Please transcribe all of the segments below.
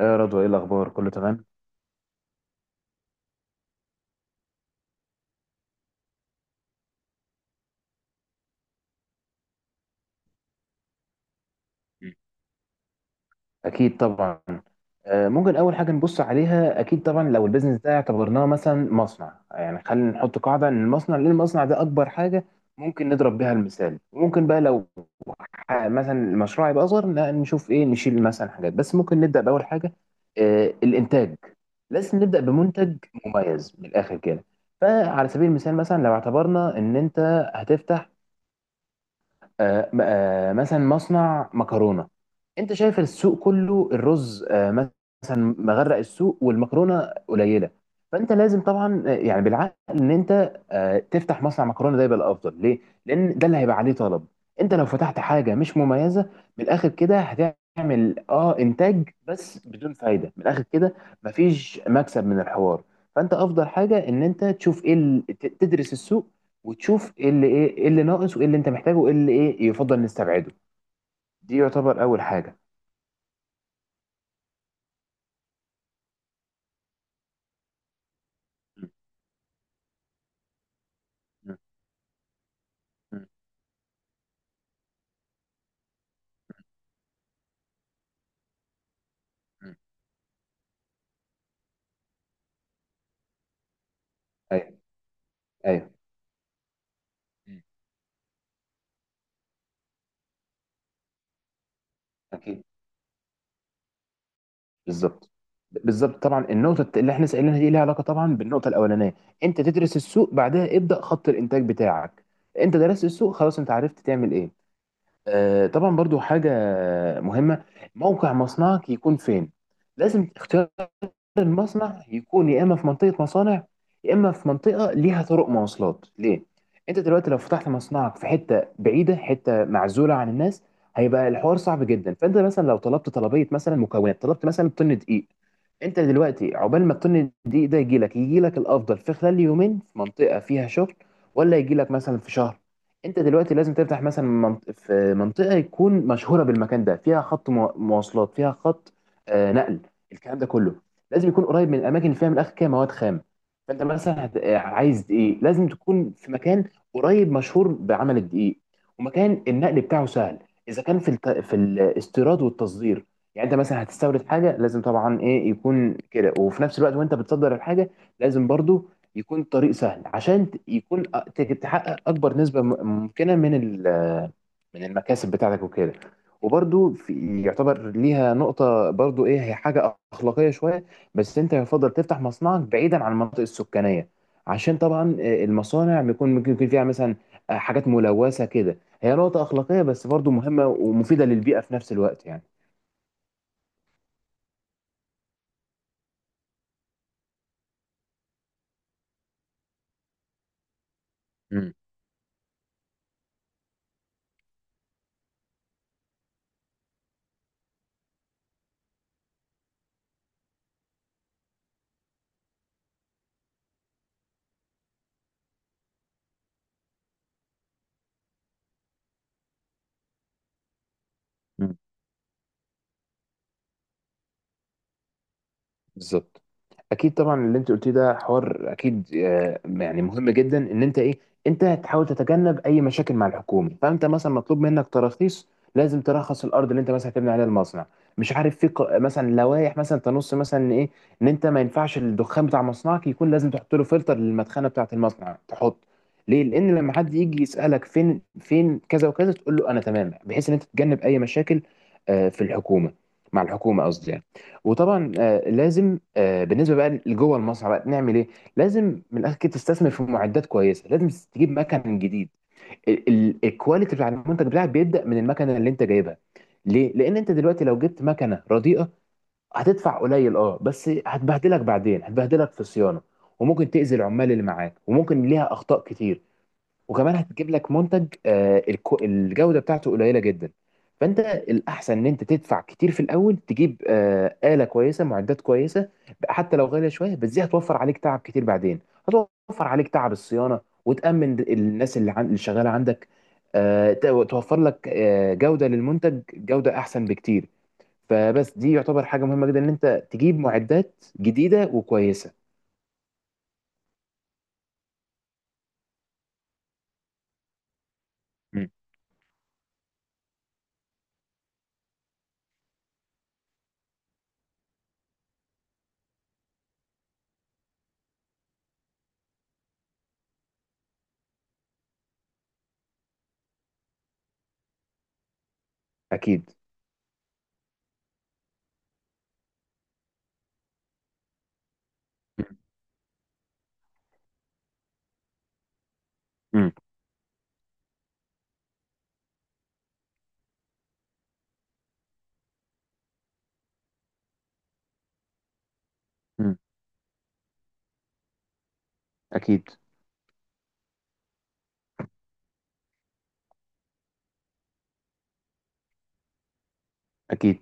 يا رضوى، ايه الاخبار؟ كله تمام. مم. اكيد طبعا. ممكن اول حاجه نبص عليها، اكيد طبعا. لو البيزنس ده اعتبرناه مثلا مصنع، يعني خلينا نحط قاعده ان المصنع، ليه المصنع ده اكبر حاجه ممكن نضرب بيها المثال. ممكن بقى لو مثلا المشروع يبقى اصغر، لا نشوف ايه نشيل مثلا حاجات، بس ممكن نبدا باول حاجه. الانتاج. لازم نبدا بمنتج مميز من الاخر كده. فعلى سبيل المثال، مثلا لو اعتبرنا ان انت هتفتح مثلا مصنع مكرونه. انت شايف السوق كله الرز، مثلا مغرق السوق، والمكرونه قليله. فانت لازم طبعا يعني بالعقل ان انت تفتح مصنع مكرونه، ده يبقى الافضل. ليه؟ لان ده اللي هيبقى عليه طلب. انت لو فتحت حاجه مش مميزه من الاخر كده، هتعمل اه انتاج بس بدون فايده من الاخر كده، مفيش مكسب من الحوار. فانت افضل حاجه ان انت تشوف ايه تدرس السوق، وتشوف ايه اللي ايه إيه اللي ناقص، وايه اللي انت محتاجه، وايه اللي يفضل نستبعده. دي يعتبر اول حاجه. مم. مم. مم. مم. ايوه. ايوه. مم. اكيد. بالظبط. بالظبط طبعا، النقطه اللي احنا سالناها دي ليها علاقه طبعا بالنقطه الاولانيه. انت تدرس السوق، بعدها ابدا خط الانتاج بتاعك. انت درست السوق خلاص، انت عرفت تعمل ايه. آه طبعا، برضو حاجه مهمه: موقع مصنعك يكون فين. لازم اختيار المصنع يكون يا اما في منطقه مصانع، يا اما في منطقه ليها طرق مواصلات ليه. انت دلوقتي لو فتحت مصنعك في حته بعيده، حته معزوله عن الناس، هيبقى الحوار صعب جدا. فانت مثلا لو طلبت طلبيه مثلا مكونات، طلبت مثلا طن دقيق، انت دلوقتي عقبال ما الطن الدقيق ده يجي لك، يجي لك الافضل في خلال يومين في منطقه فيها شغل، ولا يجي لك مثلا في شهر؟ انت دلوقتي لازم تفتح مثلا في منطقه يكون مشهوره بالمكان ده، فيها خط مواصلات، فيها خط نقل. الكلام ده كله لازم يكون قريب من الاماكن اللي فيها من الاخر كده مواد خام. فانت مثلا عايز دقيق، لازم تكون في مكان قريب مشهور بعمل الدقيق، ومكان النقل بتاعه سهل. اذا كان في الاستيراد والتصدير، يعني انت مثلا هتستورد حاجه، لازم طبعا ايه يكون كده، وفي نفس الوقت وانت بتصدر الحاجه لازم برضو يكون الطريق سهل، عشان يكون تحقق اكبر نسبه ممكنه من المكاسب بتاعتك وكده. وبرضو في يعتبر ليها نقطة برضو، ايه هي؟ حاجة أخلاقية شوية. بس انت يفضل تفتح مصنعك بعيدا عن المناطق السكانية، عشان طبعا المصانع بيكون ممكن يكون فيها مثلا حاجات ملوثة كده. هي نقطة أخلاقية بس برضو مهمة ومفيدة للبيئة في نفس الوقت يعني. امم بالظبط. اكيد طبعا، اللي انت قلتيه ده حوار اكيد يعني مهم جدا، ان انت ايه، انت هتحاول تتجنب اي مشاكل مع الحكومه. فانت مثلا مطلوب منك تراخيص، لازم ترخص الارض اللي انت مثلا هتبني عليها المصنع. مش عارف في مثلا لوائح مثلا تنص مثلا إن ايه، ان انت ما ينفعش الدخان بتاع مصنعك يكون، لازم تحط له فلتر للمدخنه بتاعه المصنع، تحط. ليه؟ لان لما حد يجي يسالك فين كذا وكذا، تقول له انا تمام، بحيث ان انت تتجنب اي مشاكل آه، في الحكومه مع الحكومه قصدي يعني. وطبعا لازم بالنسبه بقى لجوه المصنع بقى نعمل ايه؟ لازم من الاخر كده تستثمر في معدات كويسه، لازم تجيب مكن جديد، الكواليتي بتاع المنتج بتاعك بيبدا من المكنه اللي انت جايبها. ليه؟ لان انت دلوقتي لو جبت مكنه رديئه، هتدفع قليل اه بس هتبهدلك بعدين، هتبهدلك في الصيانه، وممكن تاذي العمال اللي معاك، وممكن ليها اخطاء كتير. وكمان هتجيب لك منتج الجودة بتاعته قليلة جدا. فانت الاحسن ان انت تدفع كتير في الاول، تجيب آلة كويسة، معدات كويسة، حتى لو غالية شوية، بس دي هتوفر عليك تعب كتير بعدين، هتوفر عليك تعب الصيانة، وتأمن الناس اللي اللي شغالة عندك، توفر لك جودة للمنتج، جودة احسن بكتير. فبس دي يعتبر حاجة مهمة جدا ان انت تجيب معدات جديدة وكويسة. مم. اكيد. مم. مم. اكيد. اكيد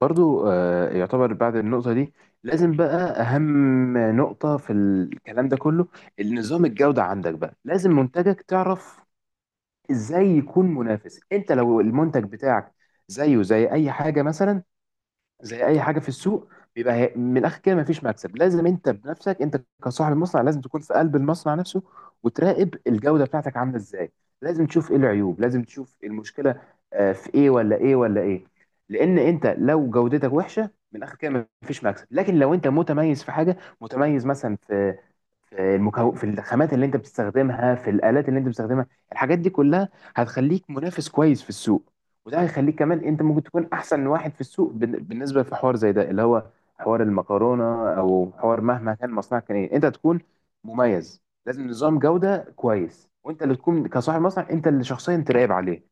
برضو يعتبر بعد النقطة دي، لازم بقى أهم نقطة في الكلام ده كله: النظام الجودة عندك بقى، لازم منتجك تعرف إزاي يكون منافس. أنت لو المنتج بتاعك زيه زي أي حاجة، مثلا زي اي حاجه في السوق، بيبقى من الاخر كده مفيش مكسب. لازم انت بنفسك، انت كصاحب المصنع لازم تكون في قلب المصنع نفسه، وتراقب الجوده بتاعتك عامله ازاي. لازم تشوف ايه العيوب، لازم تشوف إيه المشكله في ايه ولا ايه ولا ايه. لان انت لو جودتك وحشه، من الاخر كده مفيش مكسب. لكن لو انت متميز في حاجه، متميز مثلا في المكون، في الخامات اللي انت بتستخدمها، في الالات اللي انت بتستخدمها، الحاجات دي كلها هتخليك منافس كويس في السوق، وده هيخليك كمان انت ممكن تكون احسن واحد في السوق. بالنسبه في حوار زي ده، اللي هو حوار المكرونه، او حوار مهما كان مصنعك كان ايه، انت تكون مميز. لازم نظام جوده كويس، وانت اللي تكون كصاحب مصنع انت اللي شخصيا تراقب عليه.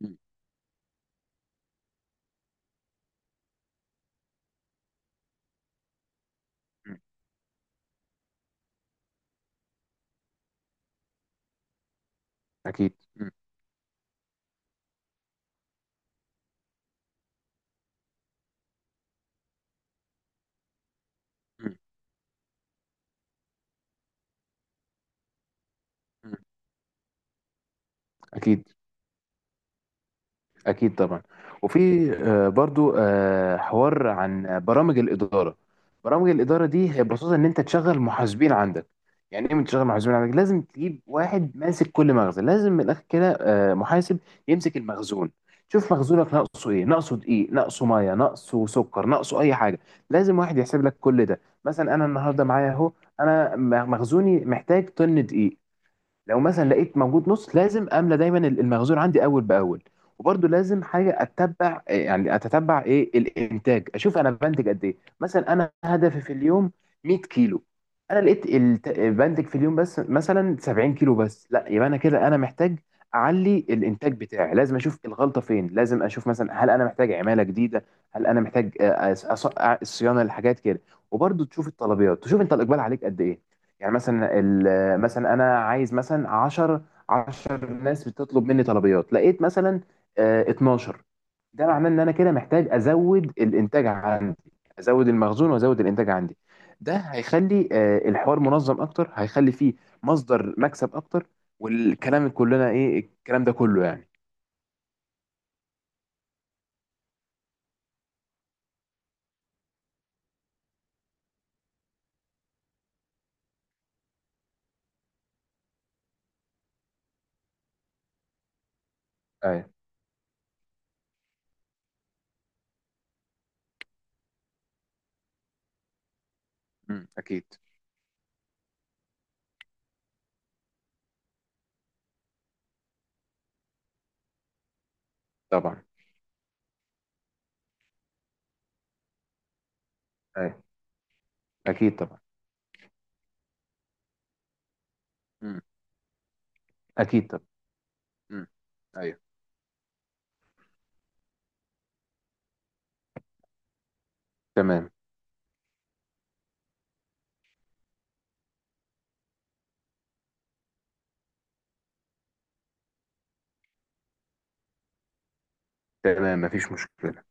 م- م- م. اكيد. م- م. اكيد. اكيد طبعا. وفي برضو حوار عن برامج الاداره. برامج الاداره دي هي ببساطه ان انت تشغل محاسبين عندك. يعني ايه من تشغل محاسبين عندك؟ لازم تجيب واحد ماسك كل مخزن، لازم من الاخر كده محاسب يمسك المخزون. شوف مخزونك ناقصه ايه، ناقصه دقيق، ناقصه ميه، ناقصه سكر، ناقصه اي حاجه، لازم واحد يحسب لك كل ده. مثلا انا النهارده معايا اهو، انا مخزوني محتاج طن دقيق، لو مثلا لقيت موجود نص، لازم املى دايما المخزون عندي اول باول. وبرده لازم حاجه اتبع اتتبع ايه الانتاج، اشوف انا بنتج قد ايه. مثلا انا هدفي في اليوم 100 كيلو، انا لقيت بنتج في اليوم بس مثلا 70 كيلو بس، لا يبقى انا كده انا محتاج اعلي الانتاج بتاعي. لازم اشوف الغلطه فين، لازم اشوف مثلا هل انا محتاج عماله جديده، هل انا محتاج الصيانه للحاجات كده. وبرده تشوف الطلبيات، تشوف انت الاقبال عليك قد ايه. يعني مثلا، مثلا انا عايز مثلا 10 ناس بتطلب مني طلبيات، لقيت مثلا 12. ده معناه ان انا كده محتاج ازود الانتاج عندي، ازود المخزون وازود الانتاج عندي. ده هيخلي الحوار منظم اكتر، هيخلي فيه مصدر مكسب اكتر. والكلام كلنا ايه الكلام ده كله يعني. ايوه. اكيد طبعا. ايوه. اكيد طبعا. أمم، اكيد طبعا. أمم، ايوه. تمام. تمام مفيش مشكلة.